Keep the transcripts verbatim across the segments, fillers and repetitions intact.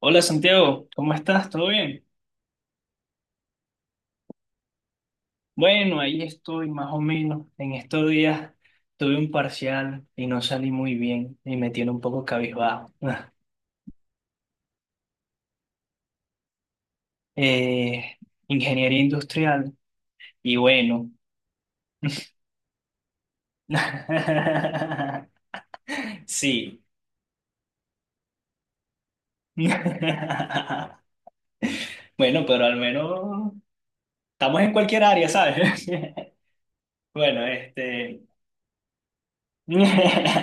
Hola Santiago, ¿cómo estás? ¿Todo bien? Bueno, ahí estoy más o menos. En estos días tuve un parcial y no salí muy bien y me tiene un poco cabizbajo. Eh, Ingeniería industrial y bueno. Sí. Bueno, pero al menos estamos en cualquier área, ¿sabes? Bueno, este...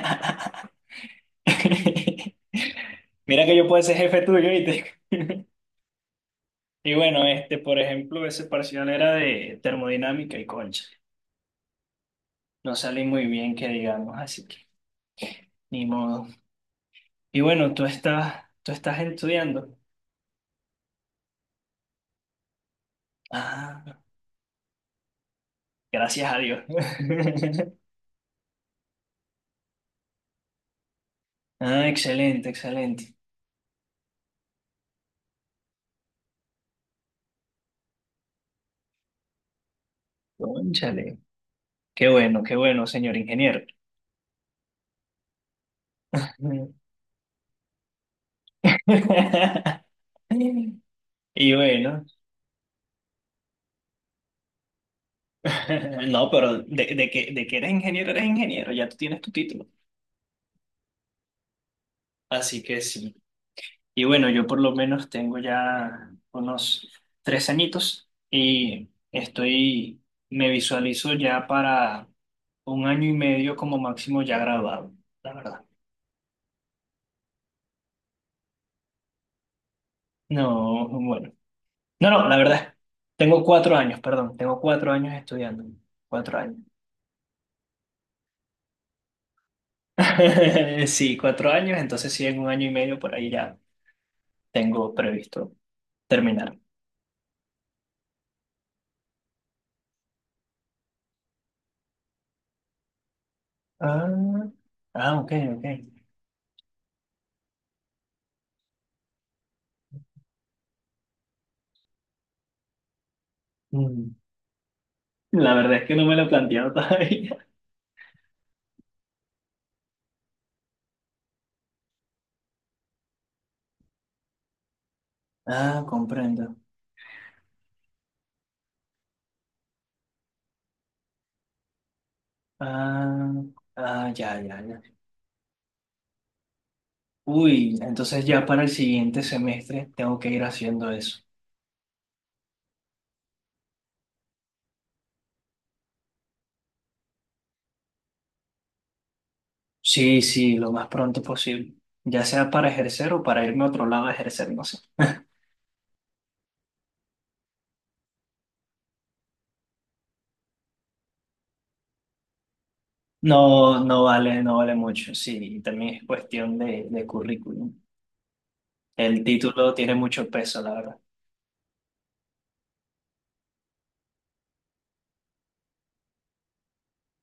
Mira que yo puedo ser jefe tuyo, ¿viste? Y bueno, este, por ejemplo, ese parcial era de termodinámica y concha. No salí muy bien, que digamos, así que ni modo. Y bueno, tú estás, tú estás estudiando. Ah, gracias a Dios. Ah, excelente, excelente. Cónchale. Qué bueno, qué bueno, señor ingeniero. Y bueno, no, pero de, de que, de que eres ingeniero, eres ingeniero, ya tú tienes tu título. Así que sí. Y bueno, yo por lo menos tengo ya unos tres añitos y estoy, me visualizo ya para un año y medio como máximo ya graduado, la verdad. No, bueno. No, no, la verdad. Tengo cuatro años, perdón. Tengo cuatro años estudiando. Cuatro años. Sí, cuatro años, entonces sí, en un año y medio por ahí ya tengo previsto terminar. Ah, ah, ok, ok. Mm, La verdad es que no me lo he planteado todavía. Ah, comprendo. Ah, ah, ya, ya, ya. Uy, entonces ya para el siguiente semestre tengo que ir haciendo eso. Sí, sí, lo más pronto posible. Ya sea para ejercer o para irme a otro lado a ejercer, no sé. No, no vale, no vale mucho. Sí, y también es cuestión de, de currículum. El título tiene mucho peso, la verdad.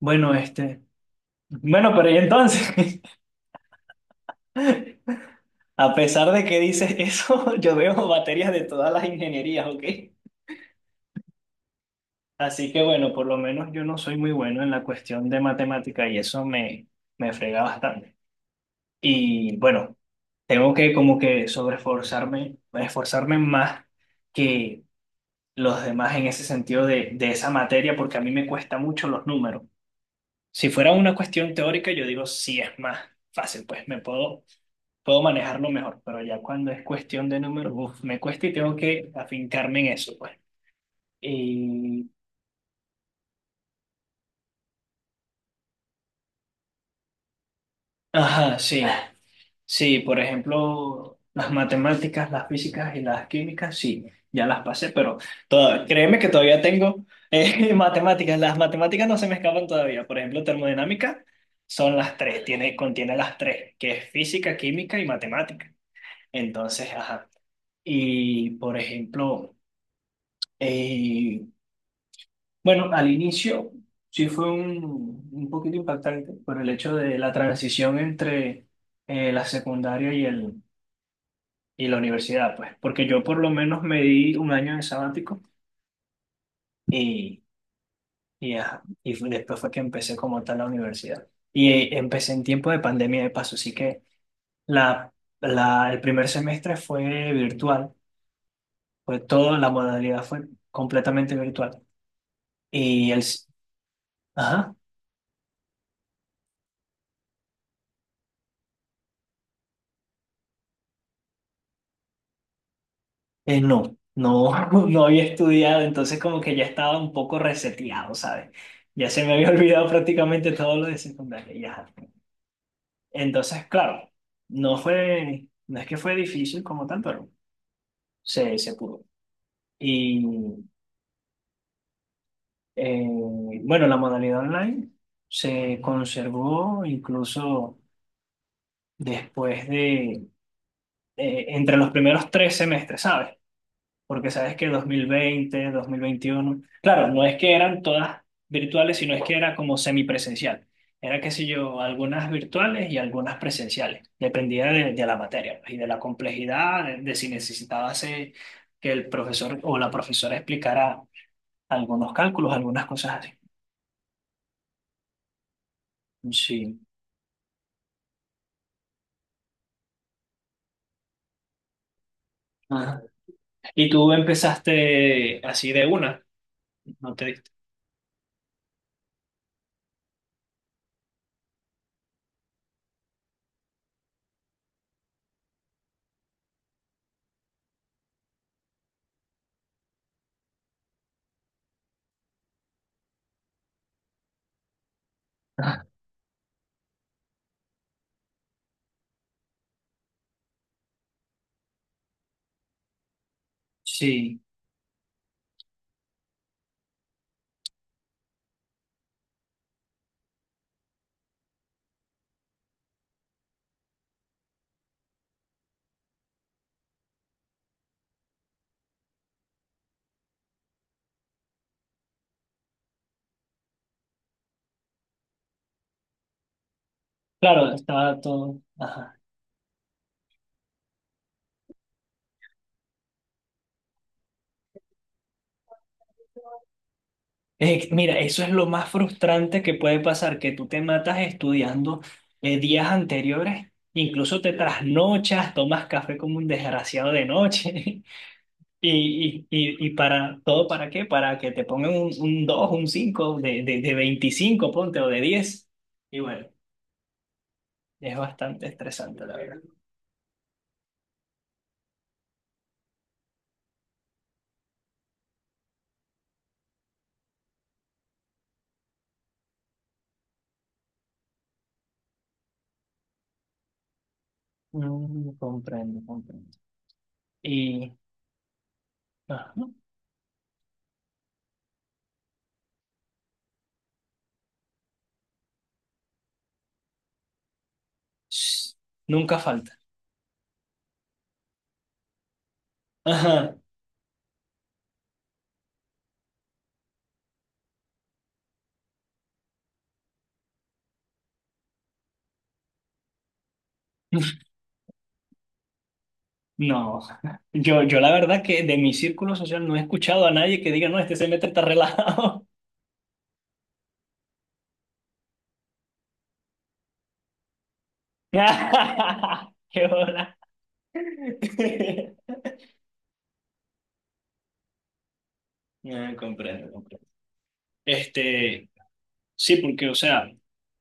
Bueno, este. Bueno, pero y entonces, a pesar de que dices eso, yo veo baterías de todas las ingenierías, ¿ok? Así que bueno, por lo menos yo no soy muy bueno en la cuestión de matemática y eso me, me frega bastante. Y bueno, tengo que como que sobreesforzarme, esforzarme más que los demás en ese sentido de, de esa materia porque a mí me cuesta mucho los números. Si fuera una cuestión teórica, yo digo, sí, es más fácil, pues me puedo, puedo manejarlo mejor, pero ya cuando es cuestión de números, uf, me cuesta y tengo que afincarme en eso, pues. Y... Ajá, sí. Sí, por ejemplo, las matemáticas, las físicas y las químicas, sí, ya las pasé, pero toda- créeme que todavía tengo eh, matemáticas. Las matemáticas no se me escapan todavía. Por ejemplo, termodinámica son las tres, tiene, contiene las tres, que es física, química y matemática. Entonces, ajá. Y, por ejemplo, eh, bueno, al inicio sí fue un, un poquito impactante por el hecho de la transición entre eh, la secundaria y la universidad, pues, porque yo por lo menos me di un año de sabático y, y, ajá, y fu- después fue que empecé como tal la universidad. Y eh, empecé en tiempo de pandemia de paso, así que la, la, el primer semestre fue virtual, fue toda la modalidad fue completamente virtual. Y el, s- ajá, eh, no, no, no había estudiado, entonces como que ya estaba un poco reseteado, ¿sabes? Ya se me había olvidado prácticamente todo lo de secundaria, ya. Entonces, claro, no fue, no es que fue difícil como tal, pero se, se pudo. Y eh, bueno, la modalidad online se conservó incluso después de, eh, entre los primeros tres semestres, ¿sabes? Porque sabes que dos dos mil veinte dos mil veintiuno, claro, no es que eran todas virtuales, sino es que era como semipresencial. Era, qué sé yo, algunas virtuales y algunas presenciales. Dependía de, de la materia, pues, y de la complejidad, de, de si necesitabas eh, que el profesor o la profesora explicara algunos cálculos, algunas cosas así. Sí. Ajá. Y tú empezaste así de una, ¿no te diste? Sí, claro, estaba todo. Ajá. Eh, mira, eso es lo más frustrante que puede pasar, que tú te matas estudiando eh, días anteriores, incluso te trasnochas, tomas café como un desgraciado de noche, y, y, y, y para todo, para qué, para que te pongan un, un dos, un cinco de, de, de veinticinco, ponte, o de diez. Y bueno, es bastante estresante, la verdad. Mm, comprendo, comprendo. Y ajá, nunca falta. Ajá. No, yo, yo la verdad que de mi círculo social no he escuchado a nadie que diga, no, este semestre está relajado. ¡Qué bola! No, comprendo, comprendo. Este, sí, porque, o sea,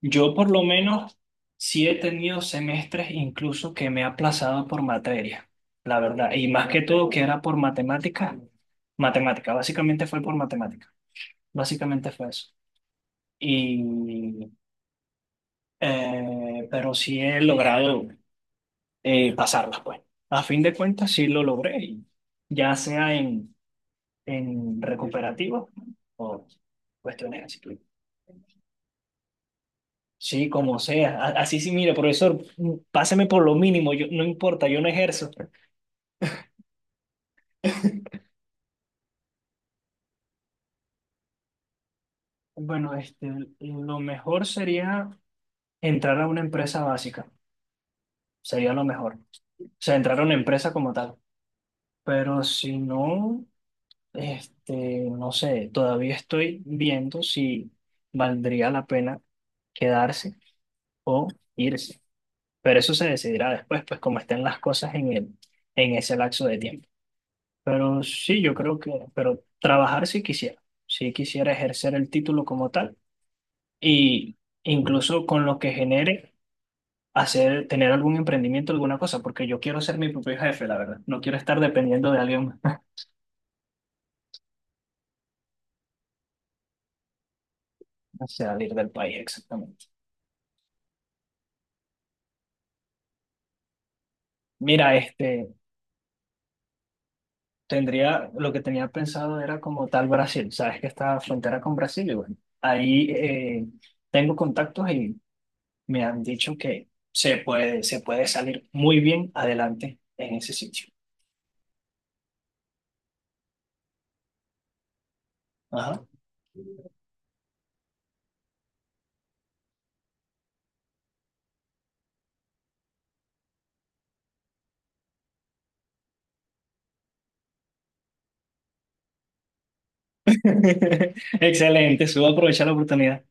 yo por lo menos sí he tenido semestres incluso que me he aplazado por materia, la verdad, y más que todo que era por matemática, matemática, básicamente fue por matemática, básicamente fue eso. Y, eh, pero sí he logrado. eh, pasarlas, pues. A fin de cuentas, sí lo logré, y ya sea en, en recuperativos o cuestiones así. Sí, como sea. A- Así sí, mire, profesor, páseme por lo mínimo, yo, no importa, yo no ejerzo. Bueno, este, lo mejor sería entrar a una empresa básica, sería lo mejor. O sea, entrar a una empresa como tal. Pero si no, este, no sé, todavía estoy viendo si valdría la pena quedarse o irse. Pero eso se decidirá después, pues como estén las cosas en el, en ese lapso de tiempo. Pero sí, yo creo que, pero trabajar sí quisiera, sí quisiera ejercer el título como tal y incluso con lo que genere hacer, tener algún emprendimiento, alguna cosa, porque yo quiero ser mi propio jefe, la verdad. No quiero estar dependiendo de alguien más. Salir del país, exactamente. Mira, este, Tendría, lo que tenía pensado era como tal Brasil. Sabes que está frontera con Brasil, y bueno, ahí eh, tengo contactos y me han dicho que se puede, se puede salir muy bien adelante en ese sitio. Ajá. Excelente, subo a aprovechar la oportunidad.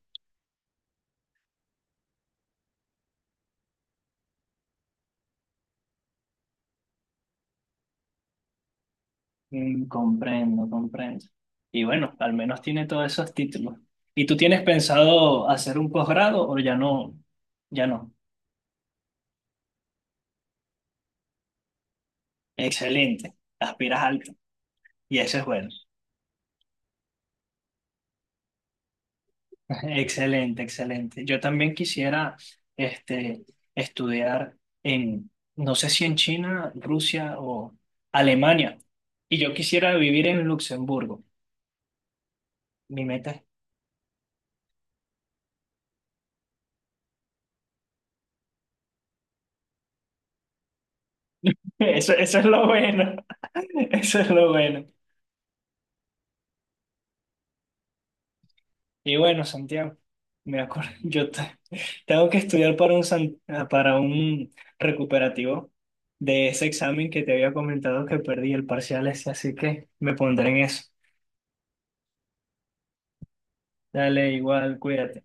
Mm, comprendo, comprendo. Y bueno, al menos tiene todos esos títulos. ¿Y tú tienes pensado hacer un posgrado o ya no? Ya no. Excelente, aspiras alto y eso es bueno. Excelente, excelente. Yo también quisiera este, estudiar en, no sé si en China, Rusia o Alemania. Y yo quisiera vivir en Luxemburgo. Mi meta es... Eso, eso es lo bueno. Eso es lo bueno. Y bueno, Santiago, me acuerdo, yo te- tengo que estudiar para un, san- para un recuperativo de ese examen que te había comentado que perdí el parcial ese, así que me pondré en eso. Dale, igual, cuídate.